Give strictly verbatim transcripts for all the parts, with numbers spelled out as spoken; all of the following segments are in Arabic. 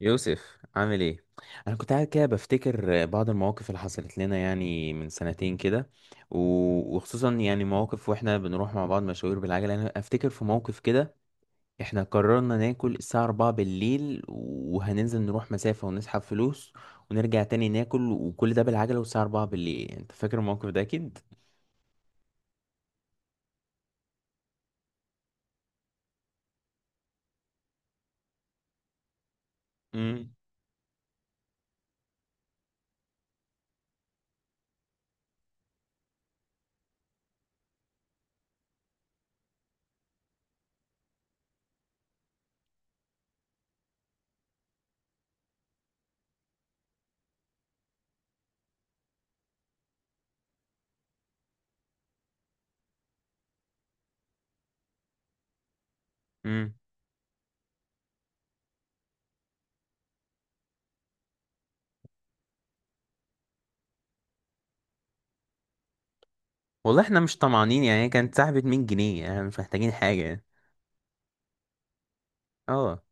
يوسف عامل ايه؟ انا كنت قاعد كده بفتكر بعض المواقف اللي حصلت لنا يعني من سنتين كده و- وخصوصا يعني مواقف واحنا بنروح مع بعض مشاوير بالعجله. انا افتكر في موقف كده، احنا قررنا ناكل الساعه اربعة بالليل، وهننزل نروح مسافه ونسحب فلوس ونرجع تاني ناكل، وكل ده بالعجله والساعه اربعة بالليل. انت فاكر الموقف ده اكيد. امم امم والله احنا مش طمعانين، يعني هي كانت سحبت مية جنيه، يعني مش محتاجين حاجه يعني. اه.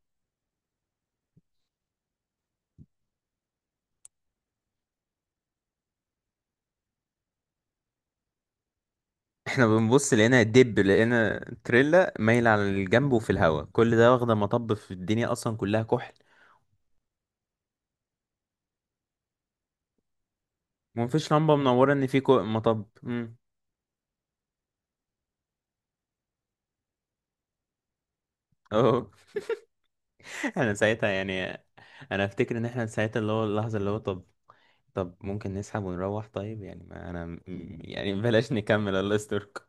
احنا بنبص لقينا دب، لقينا تريلا مايلة على الجنب وفي الهوا، كل ده واخدة مطب، في الدنيا اصلا كلها كحل ومفيش لمبة منورة، ان في كو- مطب. امم اه. انا ساعتها يعني انا افتكر ان احنا ساعتها اللي هو اللحظة اللي هو، طب طب ممكن نسحب ونروح؟ طيب يعني ما انا م- يعني بلاش نكمل، الله يستركم.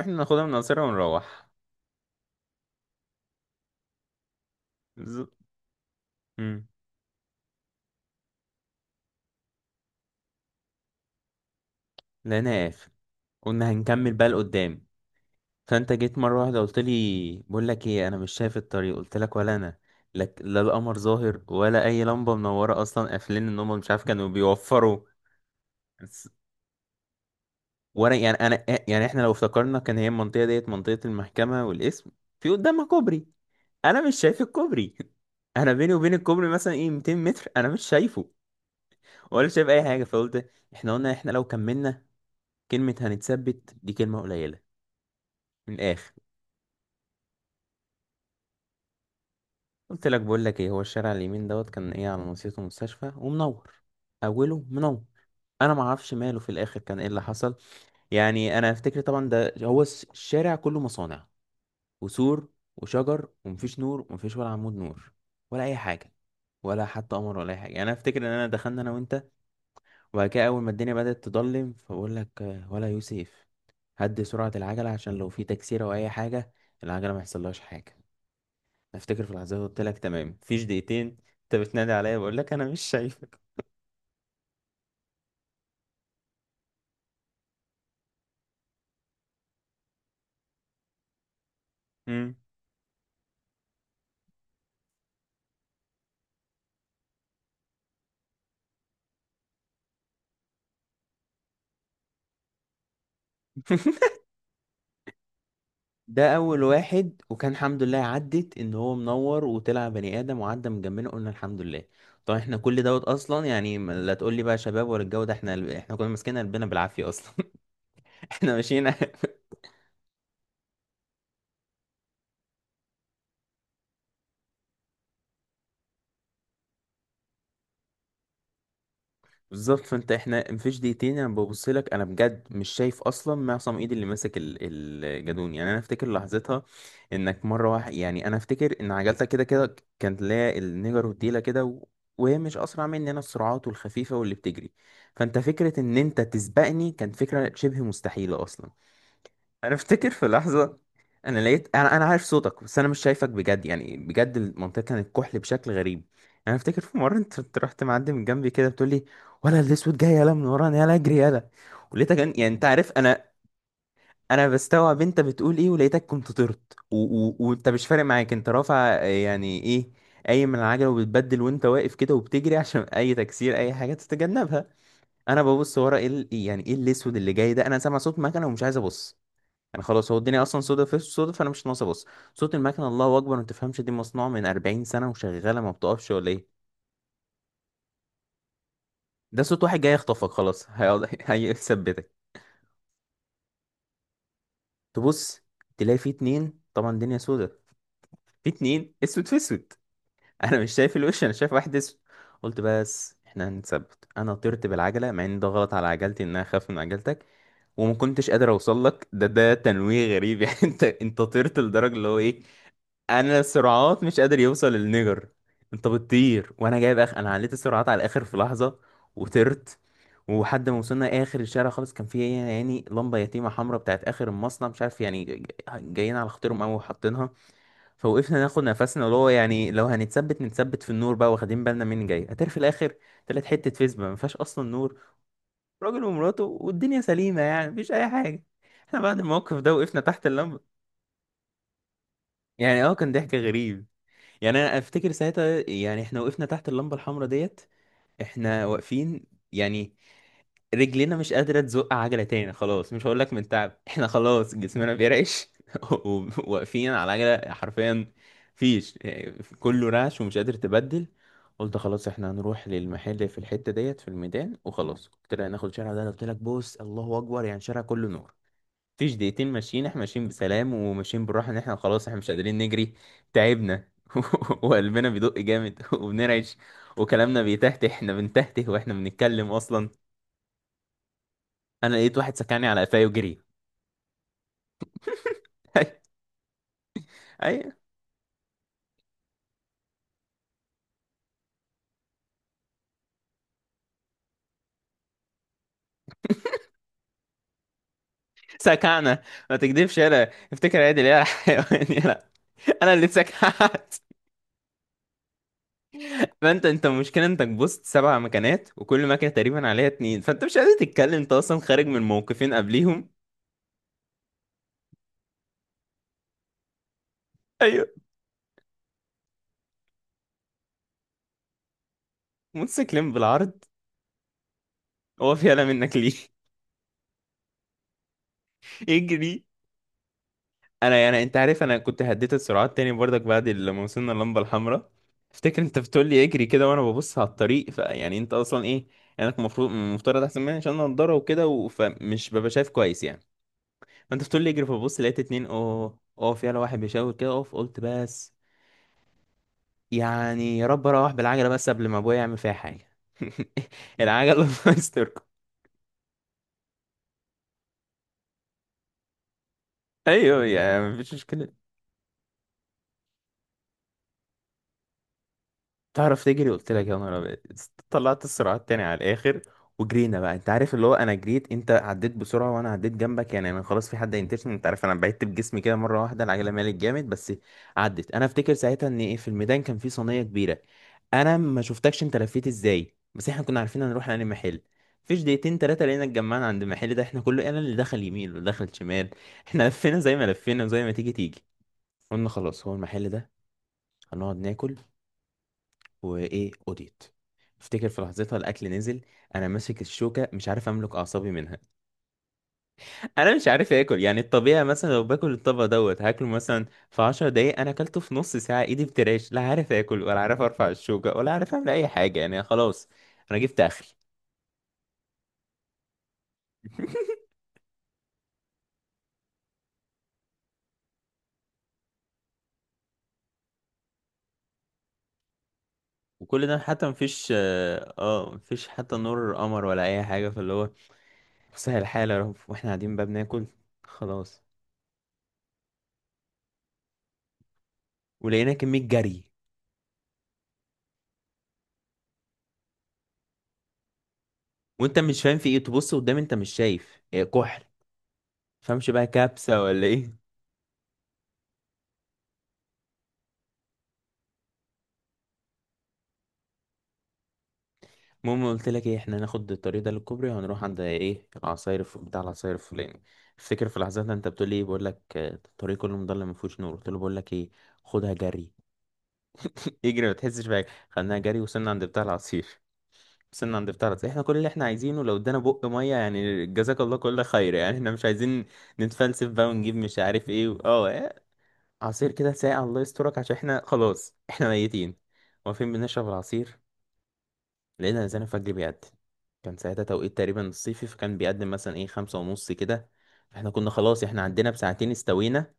احنا ناخدها من قصيرها ونروح. بالظبط. امم. لقيناها قافل، قلنا هنكمل بقى لقدام. فانت جيت مرة واحدة قلت لي بقول لك ايه؟ انا مش شايف الطريق. قلت لك ولا انا لك، لا القمر ظاهر ولا اي لمبة منورة اصلا، قافلين ان هم مش عارف كانوا بيوفروا. بس- وانا يعني انا يعني احنا لو افتكرنا، كان هي المنطقة ديت منطقة المحكمة والاسم، في قدامها كوبري. انا مش شايف الكوبري. انا بيني وبين الكوبري مثلا ايه ميتين متر انا مش شايفه، ولا شايف اي حاجة. فقلت احنا، قلنا احنا لو كملنا كلمة هنتثبت دي كلمة قليلة. من الاخر قلت لك بقول لك ايه، هو الشارع اليمين دوت كان ايه، على نصيته مستشفى ومنور، اوله منور، انا ما اعرفش ماله في الاخر كان ايه اللي حصل. يعني انا افتكر طبعا ده هو الس- الشارع كله مصانع وسور وشجر، ومفيش نور ومفيش ولا عمود نور ولا اي حاجه، ولا حتى قمر ولا اي حاجه. يعني انا افتكر ان انا دخلنا انا وانت، وبعد كده اول ما الدنيا بدات تضلم فبقول لك آه، ولا يوسف هدي سرعه العجله عشان لو في تكسيره او اي حاجه العجله ما يحصلهاش حاجه. افتكر في اللحظه دي قلت لك تمام. مفيش دقيقتين انت بتنادي عليا بقول لك انا مش شايفك. مم. ده اول واحد، وكان الحمد لله عدت ان هو منور وطلع بني ادم وعدى من جنبنا، قلنا الحمد لله. طب احنا كل دوت اصلا يعني ما- لا تقول لي بقى شباب ولا الجو ده، احنا احنا كنا ماسكين قلبنا بالعافيه اصلا. احنا ماشيين. بالظبط. فانت، احنا مفيش دقيقتين انا ببص لك، انا بجد مش شايف اصلا معصم ايد اللي ماسك ال- الجدون. يعني انا افتكر لحظتها انك مره واحد، يعني انا افتكر ان عجلتك كده كده كانت لا، النيجر والديله كده و... وهي مش اسرع مني، انا السرعات والخفيفه واللي بتجري. فانت فكره ان انت تسبقني كانت فكره شبه مستحيله اصلا. انا افتكر في لحظه، انا لقيت انا انا عارف صوتك بس انا مش شايفك بجد، يعني بجد المنطقه كانت كحل بشكل غريب. انا افتكر في مره انت، أنت رحت معدي من جنبي كده بتقول لي، ولا الاسود جاي يلا من ورانا، يلا اجري يلا. ولقيتك أن- يعني انت عارف انا، انا بستوعب انت بتقول ايه، ولقيتك كنت طرت و... و... وانت مش فارق معاك، انت رافع آه، يعني ايه قايم من العجله وبتبدل وانت واقف كده وبتجري عشان اي تكسير اي حاجه تتجنبها. انا ببص ورا، ايه ال- يعني ايه الاسود اللي جاي ده، انا سامع صوت مكنه ومش عايز ابص. يعني خلاص هو الدنيا اصلا سودا في سودا، فانا مش ناقص ابص. صوت المكنه الله اكبر، ما تفهمش دي مصنوعه من اربعين سنه وشغاله ما بتقفش ولا ايه؟ ده صوت واحد جاي يخطفك خلاص، هيقعد هيثبتك. تبص تلاقي في اتنين، طبعا الدنيا سودا، في اتنين اسود في اسود. انا مش شايف الوش، انا شايف واحد اسود. قلت بس احنا هنتثبت. انا طرت بالعجله مع ان ده غلط على عجلتي انها اخاف من عجلتك، وما كنتش قادر اوصل لك. ده ده تنويه غريب. يعني انت، انت طرت لدرجه اللي هو ايه، انا السرعات مش قادر يوصل للنجر. انت بتطير وانا جايب اخ، انا عليت السرعات على الاخر في لحظه وطرت. وحد ما وصلنا اخر الشارع خالص، كان في يعني لمبه يتيمه حمراء بتاعت اخر المصنع، مش عارف يعني ج- جايين على خاطرهم قوي وحاطينها. فوقفنا ناخد نفسنا، اللي هو يعني لو هنتثبت نتثبت في النور بقى، واخدين بالنا مين جاي هتعرف في الاخر. طلعت حته فيسبا ما فيهاش اصلا نور، راجل ومراته، والدنيا سليمه يعني مفيش اي حاجه. احنا بعد الموقف ده وقفنا تحت اللمبه. يعني اه، كان ضحك غريب. يعني انا افتكر ساعتها، يعني احنا وقفنا تحت اللمبه الحمراء ديت، احنا واقفين يعني، رجلنا مش قادره تزق عجله تاني خلاص، مش هقول لك من تعب، احنا خلاص جسمنا بيرعش. وواقفين على عجله حرفيا فيش، كله رعش ومش قادر تبدل. قلت خلاص احنا هنروح للمحل في الحته ديت في الميدان. وخلاص قلت لها ناخد شارع ده، قلت لك بص الله اكبر، يعني شارع كله نور. مفيش دقيقتين ماشيين، احنا ماشيين بسلام وماشيين بالراحة ان احنا خلاص احنا مش قادرين نجري، تعبنا. وقلبنا بيدق جامد، وبنرعش، وكلامنا بيتهته، احنا بنتهته واحنا بنتكلم اصلا. انا لقيت واحد سكعني على قفاي وجري. ايوه سكعنا. ما تكدبش يلا، افتكر عادل يا حيوان، يلا. انا اللي اتسكعت. فانت، انت المشكله انك بصت سبع مكانات وكل مكنه تقريبا عليها اتنين، فانت مش قادر تتكلم انت اصلا خارج من موقفين قبليهم. ايوه. موتوسيكلين بالعرض. هو في يلا منك ليه؟ يجري. انا يعني انت عارف انا كنت هديت السرعات تاني برضك بعد لما وصلنا اللمبه الحمراء. افتكر انت بتقول لي اجري كده، وانا ببص على الطريق، فيعني انت اصلا ايه، يعني انك المفروض المفترض احسن مني عشان انا نضاره وكده و- فمش ببقى شايف كويس يعني. فانت بتقول لي اجري، فببص لقيت اتنين، اه اه في على واحد بيشاور كده اقف. قلت بس، يعني يا رب اروح بالعجله بس قبل ما ابويا يعمل فيها حاجه. العجله الله يستركم. ايوه يعني مفيش مشكله. تعرف تجري، قلت لك يا نهار أبيض. طلعت السرعات تاني على الاخر، وجرينا بقى. انت عارف اللي هو انا جريت، انت عديت بسرعه وانا عديت جنبك، يعني انا خلاص في حد هينتشني. انت عارف انا بعدت بجسمي كده مره واحده، العجله مالت جامد، بس عدت. انا افتكر ساعتها ان ايه، في الميدان كان في صينيه كبيره، انا ما شفتكش انت لفيت ازاي، بس احنا كنا عارفين هنروح على محل. فيش دقيقتين تلاتة لقينا اتجمعنا عند المحل ده، احنا كله، انا اللي دخل يمين واللي دخل شمال. احنا لفينا زي ما لفينا وزي ما تيجي تيجي، قلنا خلاص هو المحل ده، هنقعد ناكل. وايه اوديت. افتكر في لحظتها الاكل نزل، انا ماسك الشوكه مش عارف املك اعصابي منها. انا مش عارف اكل، يعني الطبيعي مثلا لو باكل الطبق دوت هاكله مثلا في عشر دقايق، انا اكلته في نص ساعه، ايدي بترعش، لا عارف اكل ولا عارف ارفع الشوكه ولا عارف اعمل اي حاجه، يعني خلاص انا جبت اخري. وكل ده حتى مفيش اه آه، مفيش حتى نور قمر ولا اي حاجه، فاللي هو سهل الحال يا رب، واحنا قاعدين بقى بناكل خلاص. ولقينا كميه جري. وانت مش فاهم في ايه، تبص قدام انت مش شايف، إيه، كحل. فمش بقى كبسة ولا ايه. المهم قلت لك ايه، احنا هناخد الطريق ده للكوبري وهنروح عند ايه العصاير، في بتاع العصاير الفلاني. افتكر في لحظتها انت بتقول لي ايه، بقول لك آه، الطريق كله مضلم ما فيهوش نور. قلت له بقول لك ايه، خدها جري. اجري ما تحسش بحاجه. خدناها جري، وصلنا عند بتاع العصير. وصلنا عند بتاع العصير، احنا كل اللي احنا عايزينه لو ادانا بق ميه يعني، جزاك الله كل خير، يعني احنا مش عايزين نتفلسف بقى ونجيب مش عارف ايه و... اه إيه؟ عصير كده ساقع الله يسترك، عشان احنا خلاص احنا ميتين. واقفين بنشرب العصير، لقينا الانسان الفجر بيقدم، كان ساعتها توقيت تقريبا الصيفي، فكان بيقدم مثلا ايه خمسة ونص كده. احنا كنا خلاص احنا عندنا بساعتين استوينا.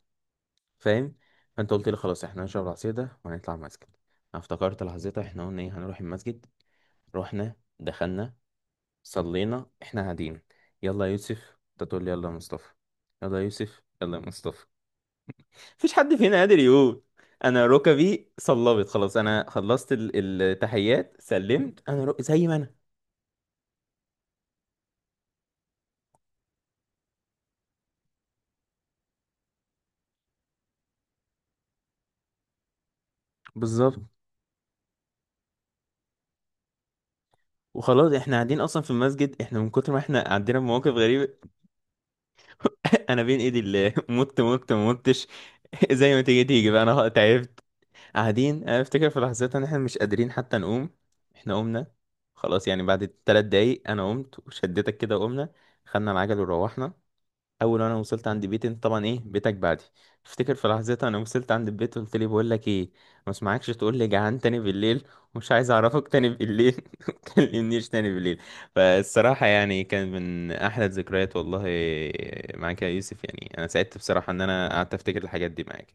فاهم؟ فانت قلت لي خلاص احنا هنشرب العصير ده وهنطلع المسجد. انا افتكرت لحظتها، احنا قلنا ايه هنروح المسجد. رحنا دخلنا، صلينا، احنا قاعدين. يلا يا يوسف، انت تقول لي يلا يا مصطفى. يلا يا يوسف، يلا يا مصطفى. مفيش حد فينا قادر يقول. انا ركبي صلبت خلاص، انا خلصت ال- التحيات سلمت انا رك... زي ما انا. بالظبط. وخلاص احنا قاعدين اصلا في المسجد، احنا من كتر ما احنا عندنا مواقف غريبه. انا بين ايدي اللي، مت مت ما متش. زي ما تيجي تيجي بقى، انا تعبت. قاعدين انا افتكر في لحظات ان احنا مش قادرين حتى نقوم. احنا قمنا خلاص، يعني بعد ثلاث دقايق انا قمت وشدتك كده وقمنا، خدنا العجل وروحنا. اول وانا وصلت عند بيتي، انت طبعا ايه بيتك بعدي. افتكر في لحظتها انا وصلت عند البيت قلت لي بقول لك ايه، ما اسمعكش تقول لي جعان تاني بالليل، ومش عايز اعرفك تاني بالليل، ما تكلمنيش تاني بالليل. فالصراحه يعني كان من احلى الذكريات والله معاك يا يوسف، يعني انا سعدت بصراحه ان انا قعدت افتكر الحاجات دي معاك.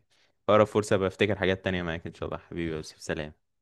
اقرب فرصه بفتكر حاجات تانية معاك ان شاء الله. حبيبي يا يوسف، سلام.